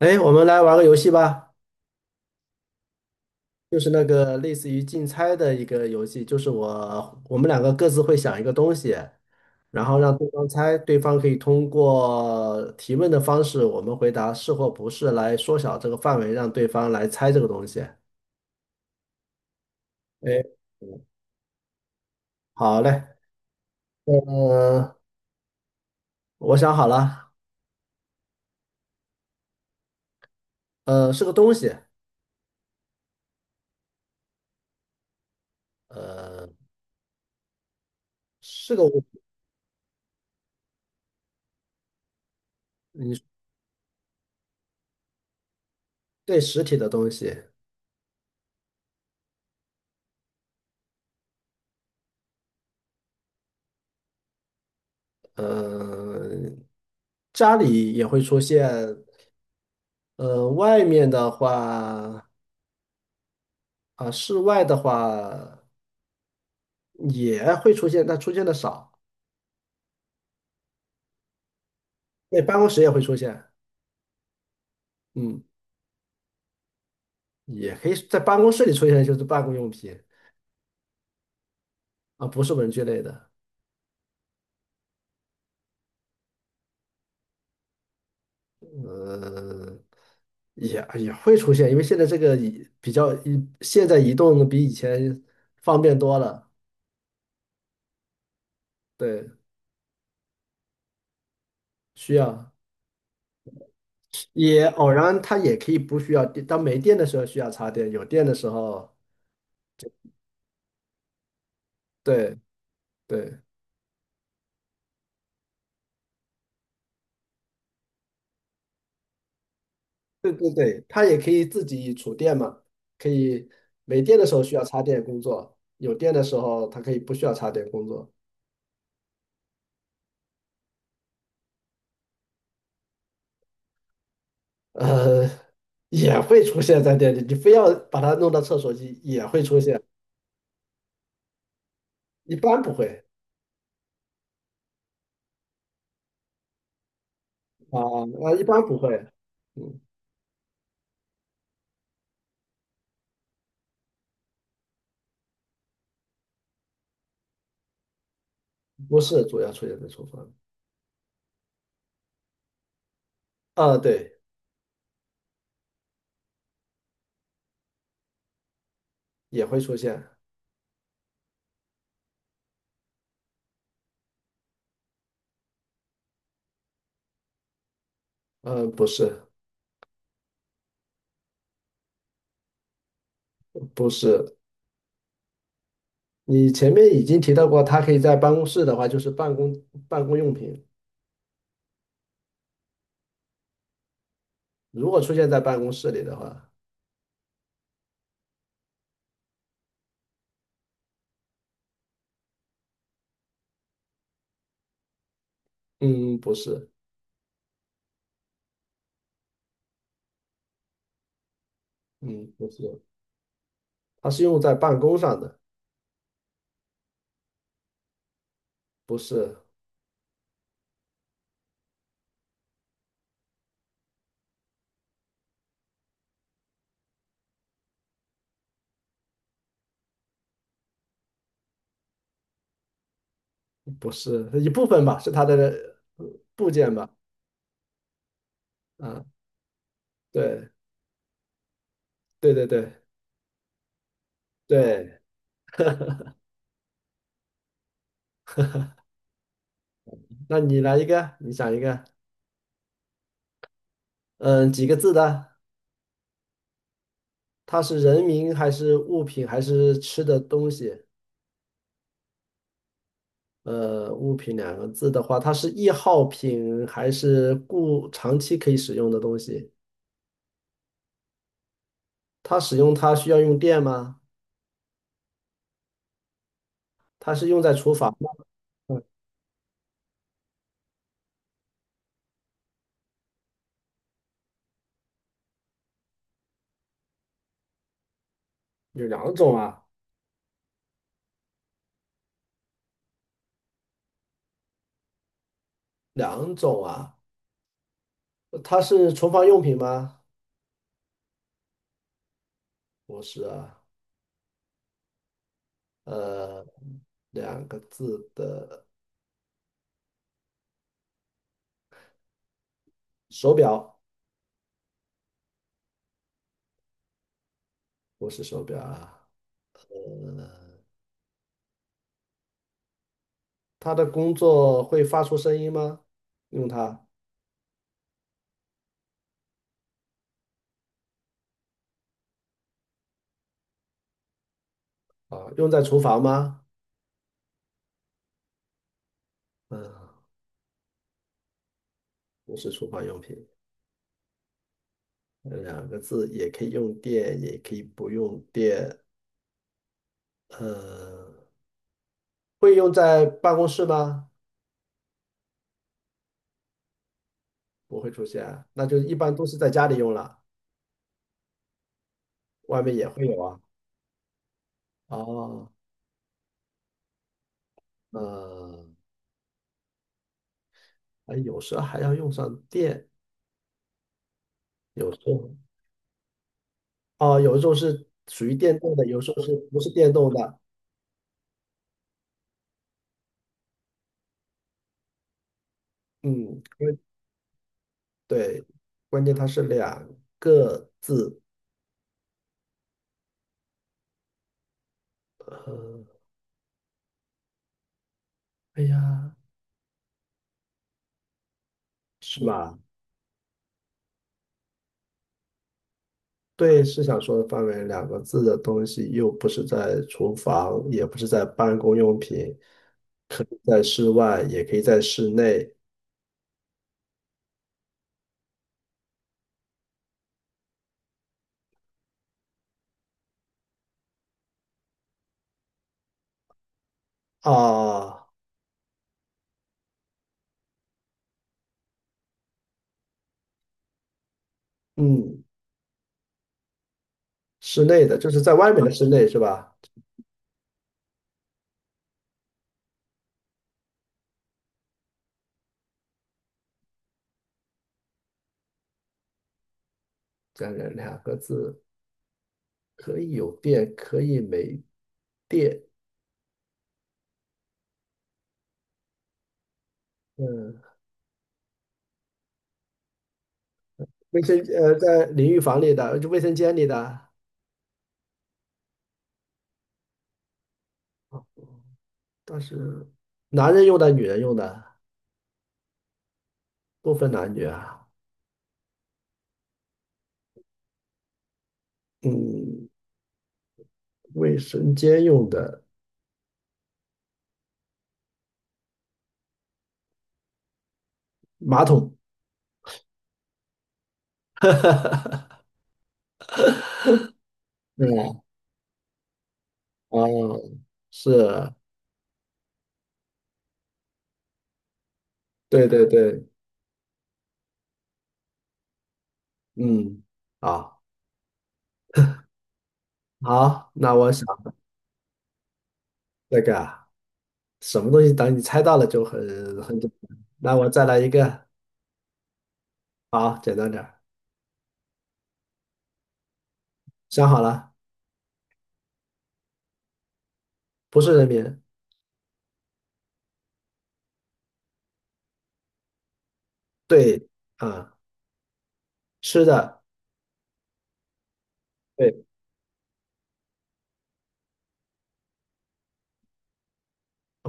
哎，我们来玩个游戏吧，就是那个类似于竞猜的一个游戏，就是我们两个各自会想一个东西，然后让对方猜，对方可以通过提问的方式，我们回答是或不是，来缩小这个范围，让对方来猜这个东西。哎，好嘞，呃，我想好了，是个东西，呃，是个物，你对实体的东西，呃，家里也会出现，外面的话啊，室外的话也会出现，但出现的少。对，办公室也会出现，嗯，也可以在办公室里出现，就是办公用品啊，不是文具类的，呃，也会出现，因为现在这个移比较移，现在移动比以前方便多了，对，需要也偶然它也可以不需要电，当没电的时候需要插电，有电的时候，对对。对对对，它也可以自己储电嘛，可以没电的时候需要插电工作，有电的时候它可以不需要插电工作。呃，也会出现在店里，你非要把它弄到厕所去，也会出现，一般不会啊啊，一般不会，嗯，不是主要出现在厨房，啊，对，也会出现，呃，不是不是，你前面已经提到过，它可以在办公室的话，就是办公用品，如果出现在办公室里的话，嗯，不是。嗯，不是，它是用在办公上的，不是，不是一部分吧，是它的部件吧？啊，对，对对对对，那你来一个，你想一个，嗯，几个字的？它是人名还是物品还是吃的东西？呃，物品两个字的话，它是易耗品还是固长期可以使用的东西？它使用它需要用电吗？它是用在厨房吗？嗯，有两种啊，两种啊。它是厨房用品吗？不是啊，呃，两个字的手表，不是手表啊。它的工作会发出声音吗？用它啊，用在厨房吗？嗯，不是厨房用品，两个字也可以用电，也可以不用电。呃，会用在办公室吗？不会出现啊，那就一般都是在家里用了，外面也会有啊。哦，呃，哎，有时候还要用上电。有时候哦，有时候是属于电动的，有时候是不是电动的？嗯，因为对，关键它是两个字。呃，哎呀，是吧？对，是想说的范围，两个字的东西又不是在厨房，也不是在办公用品，可以在室外，也可以在室内啊。嗯，室内的就是在外面的室内是吧？这人两个字可以有电，可以没电。嗯，在淋浴房里的，就卫生间里的，但是男人用的，女人用的，不分男女啊。嗯，卫生间用的马桶，嗯，哦，是，对对对，嗯，啊，好，那我想那个啊什么东西，等你猜到了就很简单。那我再来一个，好，简单点儿，想好了，不是人民，对，啊，吃的，对，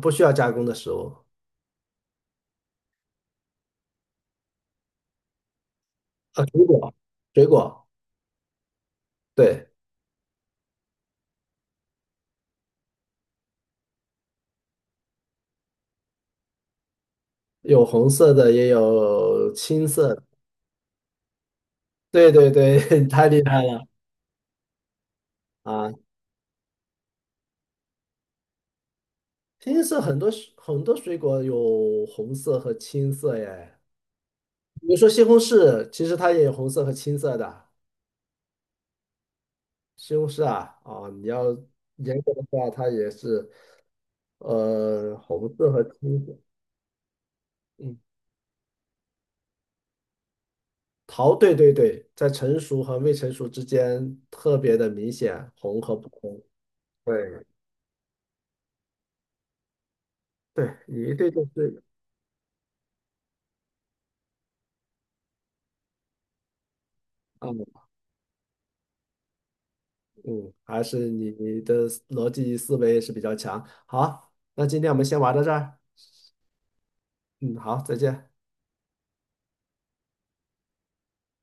不需要加工的食物，啊，水果，水果。对，有红色的，也有青色的。对对对，太厉害了啊！青色很多水很多水果有红色和青色耶，比如说西红柿，其实它也有红色和青色的。西红柿啊，啊，你要严格的话，它也是红色和青色。嗯，桃，对对对，在成熟和未成熟之间特别的明显，红和不红。对对，你对这个啊。嗯嗯，还是你的逻辑思维是比较强。好，那今天我们先玩到这儿。嗯，好，再见。